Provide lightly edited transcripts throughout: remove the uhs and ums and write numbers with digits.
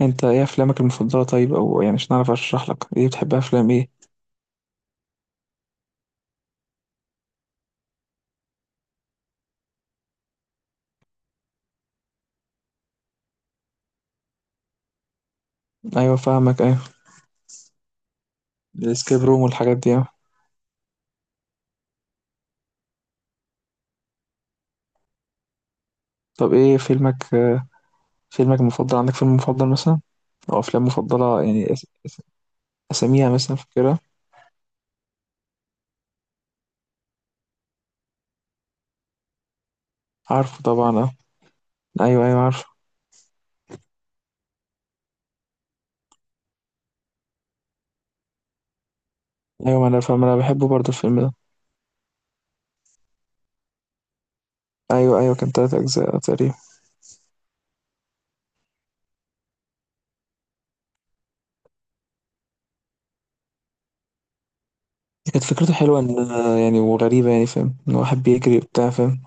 انت ايه افلامك المفضله؟ طيب، او يعني مش نعرف اشرح لك ايه بتحبها، افلام ايه؟ ايوه فاهمك، ايوه. الاسكيب روم والحاجات دي، اه. طب ايه فيلمك المفضل؟ عندك فيلم مفضل مثلا؟ او افلام مفضله يعني، اساميها مثلا فاكرها؟ عارفه طبعا، اه. ايوه ايوه عارفه. ايوه، ما انا فاهم، انا بحبه برضه الفيلم ده. ايوه ايوه، كان 3 اجزاء تقريبا. كانت فكرته حلوه، ان يعني وغريبه يعني، فاهم، ان واحد بيجري وبتاع، فاهم.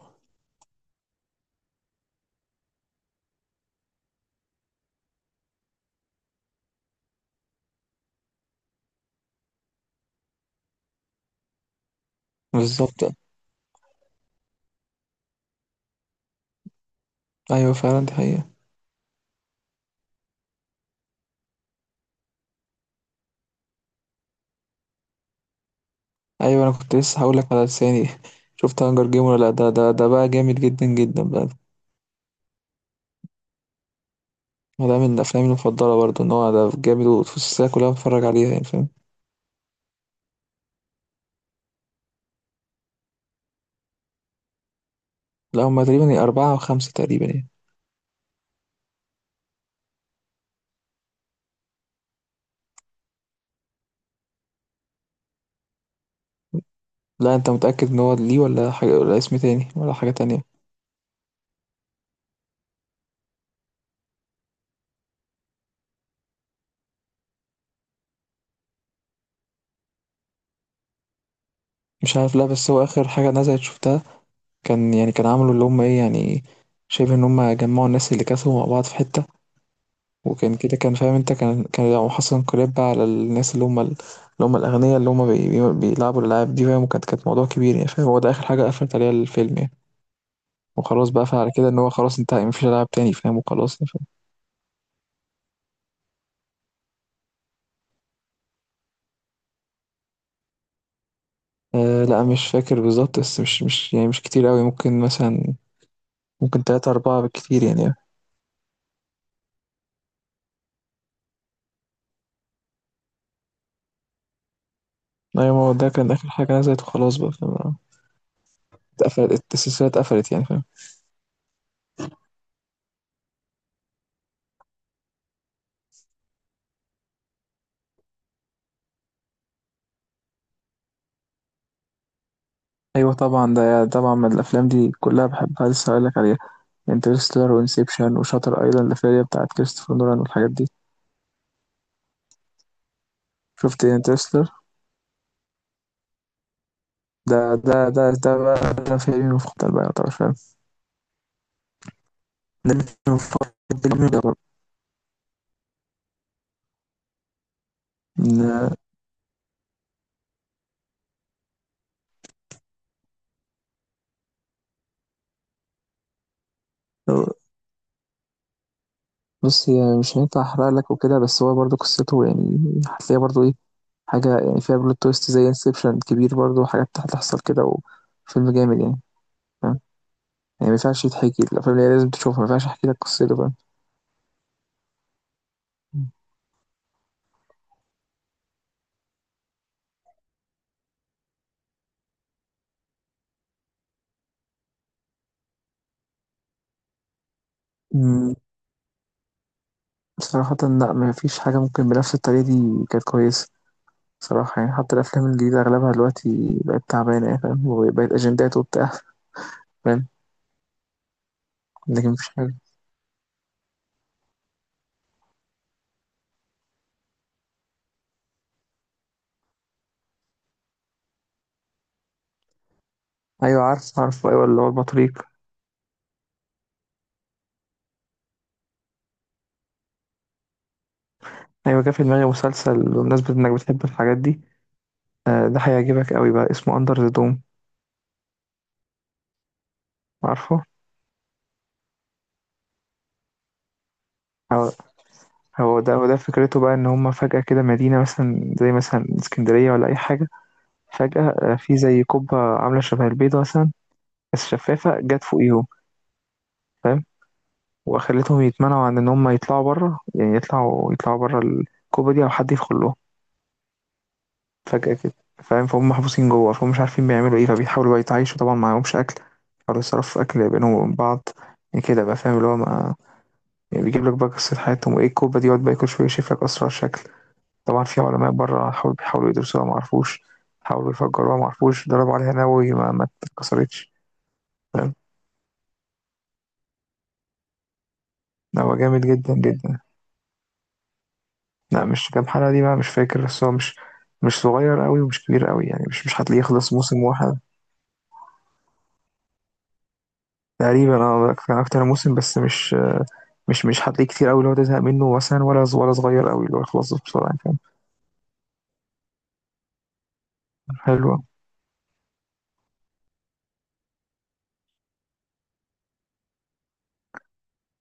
بالظبط. ايوه فعلا، دي حقيقة. أيوه، أنا كنت لسه هاقول لك على لساني شُفت Hunger Game والّا لأ؟ ده بقى جامد جدًا، جدًا بقى. وده من أفلامي المفضلة برضه، إن هو ده جامد، والسلسلة كلّها باتفرّج عليها يعني، فاهم. لأ، هُم تقريبًا 4 أو 5 تقريبًا يعني. لأ، أنت متأكد إن هو ليه والّا حاجة، والّا اسم تاني والّا حاجة تانية؟ مش عارف، لأ، بس هو آخر حاجة نزلت شُفتها كان يعني، كان عملوا اللي هُم إيه يعني، شبه إن هُم جمّعوا الناس اللي كسبوا مع بعض في حتّة. وكان كده، كان فاهم انت، كان لو حصل انقلاب بقى على الناس اللي هم اللي هم الاغنياء، اللي هم بي بي بيلعبوا الالعاب دي، فاهم. وكانت موضوع كبير يعني، فاهم، هو ده اخر حاجه قفلت عليها الفيلم يعني. وخلاص بقى، فعلى كده ان هو خلاص انتهى، يعني مفيش العاب تاني، فاهم، وخلاص يعني، فاهم. آه لا، مش فاكر بالظبط، بس مش يعني مش كتير قوي، ممكن مثلا، ممكن تلاتة أربعة بالكتير يعني يعني. ايوه، ما هو ده كان اخر حاجه نزلت وخلاص بقى، فاهم. اتقفلت السلسله، اتقفلت يعني، فاهم. ايوه طبعا، ده طبعا من الافلام دي كلها بحبها، لسه هقولك عليها: انترستيلر وانسبشن وشاتر ايلاند، الفيلم بتاعت كريستوفر نولان والحاجات دي. شفت انترستيلر؟ ده ده بقى، ده فيلمي المفضل بقى يعتبر، فاهم. ده مش مفضل، فيلمي يعتبر. إن- بص يعني، مش هينفع احرق لك وكده، بس هو برضه قصته يعني هتلاقيها برضه ايه، حاجة يعني فيها بلوت تويست زي انسبشن، كبير برضه، حاجات هتحصل كده. وفيلم جامد يعني، فاهم. يعني مينفعش يتحكي، الأفلام اللي هي لازم تشوفها مينفعش أحكي لك قصته، فاهم. أمم، صراحة لأ، مفيش حاجة ممكن بنفس الطريقة دي كانت كويسة صراحة يعني. حتى الأفلام الجديدة أغلبها دلوقتي بقت تعبانة يعني، فاهم، وبقت أجندات وبتاع، فاهم. لكن مفيش حاجة. أيوة عارف عارف، أيوة اللي هو البطريق. أيوة، جه في دماغي مسلسل بمناسبة إنك بتحب الحاجات دي، ده هيعجبك أوي بقى، اسمه أندر ذا دوم. عارفه؟ هو هو ده هو ده فكرته بقى، إن هما فجأة كده مدينة مثلا زي مثلا اسكندرية ولا أي حاجة، فجأة في زي قبة عاملة شبه البيضة مثلا، بس شفافة، جت فوقيهم. وخلتهم يتمنعوا عن ان هم يطلعوا بره، يعني يطلعوا بره الكوبا دي، او حد يدخل لهم فجأة كده، فاهم. فهم محبوسين جوه، فهم مش عارفين بيعملوا ايه، فبيحاولوا بقى يتعايشوا. طبعا معهمش اكل، بيحاولوا يصرفوا اكل بينهم وبين بعض يعني كده بقى، فاهم اللي هو ما يعني. بيجيب لك بقى قصة حياتهم، وايه الكوبا دي، يقعد بقى كل شوية يشوف لك اسرع شكل. طبعا في علماء بره حاولوا، بيحاولوا يدرسوها ما عرفوش، حاولوا يفجروها ما عرفوش، ضربوا عليها نووي ما اتكسرتش، فاهم. هو جامد جدا جدا. لا مش كام حلقة دي بقى، مش فاكر، بس هو مش صغير قوي ومش كبير قوي يعني، مش هتلاقيه يخلص موسم واحد. تقريبا اه، كان اكتر من موسم، بس مش هتلاقيه كتير قوي اللي هو تزهق منه مثلا، ولا ولا صغير قوي اللي هو يخلص بسرعة يعني. فاهم، حلوة.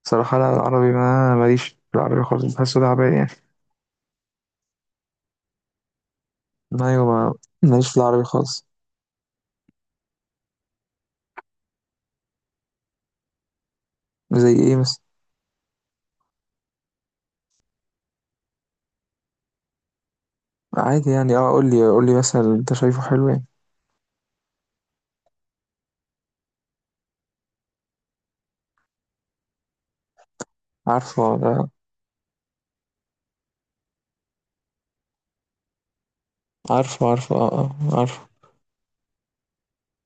صراحة لا، العربي ما ماليش في العربي خالص، بحسه تعبان يعني. ايوه، ما ماليش في العربي خالص. زي ايه مثلا؟ عادي يعني، اه، قول لي مثلا انت شايفه حلو يعني. عارفه ده. عارفه عارفه، اه اه، عارفه.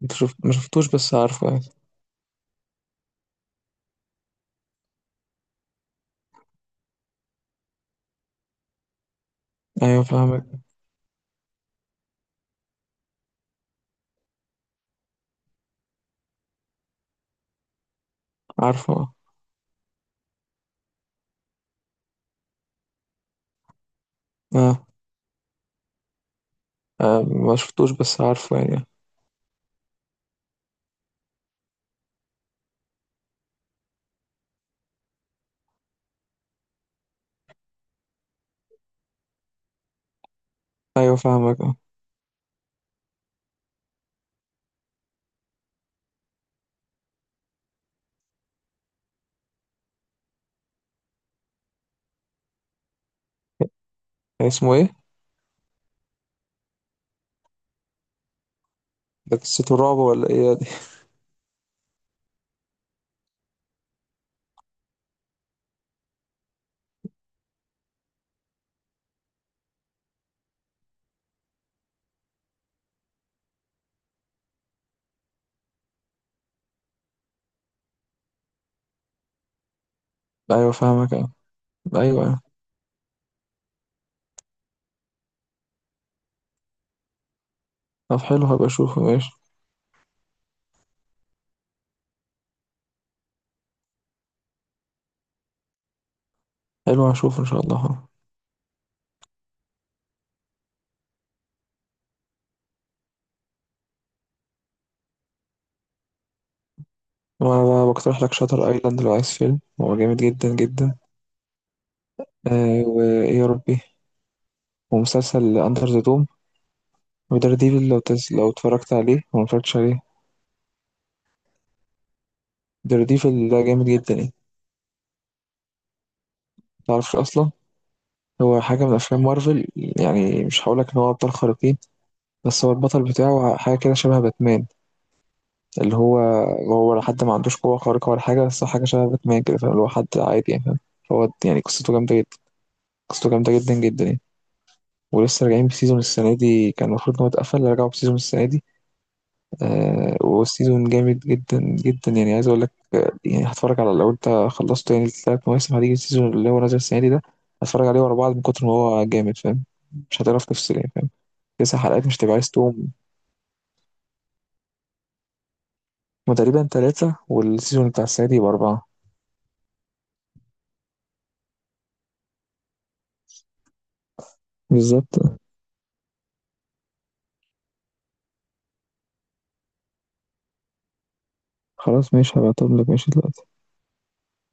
انت شفت ما شفتوش، بس عارفه يعني. ايوه فاهمك، عارفه اه. آه، ما شفتوش، بس عارفه يعني. ايوه فاهمك اه. يعني اسمه ايه؟ ده قصة الرعب ولا ايه دي؟ ايوه فاهمك اه. ايوه أيوة. طب حلو، هبقى اشوفه ماشي. حلو، هشوفه ان شاء الله، آه. وانا بقى بقترح لك شاتر ايلاند، لو عايز فيلم هو جامد جدا جدا. آه، وايه يا ربي، ومسلسل اندر ذا دوم، ودار ديفل لو لو اتفرجت عليه، لو ما اتفرجتش عليه. دار ديفل ده جامد جدا يعني. متعرفش اصلا؟ هو حاجة من أفلام مارفل يعني، مش هقولك إن هو أبطال خارقين، بس هو البطل بتاعه حاجة كده شبه باتمان. اللي هو هو حتى ما عندوش قوة خارقة ولا حاجة، بس هو حاجة شبه باتمان كده، فاهم، اللي هو حد عادي يعني، فاهم. هو يعني قصته جامدة جدا، قصته جامدة جدا جدا يعني. ولسه راجعين بسيزون السنة دي، كان المفروض إن هو اتقفل، رجعوا بسيزون السنة دي. آه، وسيزون جامد جدا جدا يعني، عايز أقول لك، يعني هتفرج على، لو أنت خلصت يعني ال3 مواسم، هتيجي السيزون اللي هو نازل السنة دي، ده هتفرج عليه ورا بعض من كتر ما هو جامد، فاهم. مش هتعرف تفصل يعني، فاهم. 9 حلقات مش هتبقى عايز تقوم. هما تقريبا 3، والسيزون بتاع السنة دي يبقى 4. بالظبط. خلاص ماشي، هبعتهم لك ماشي دلوقتي.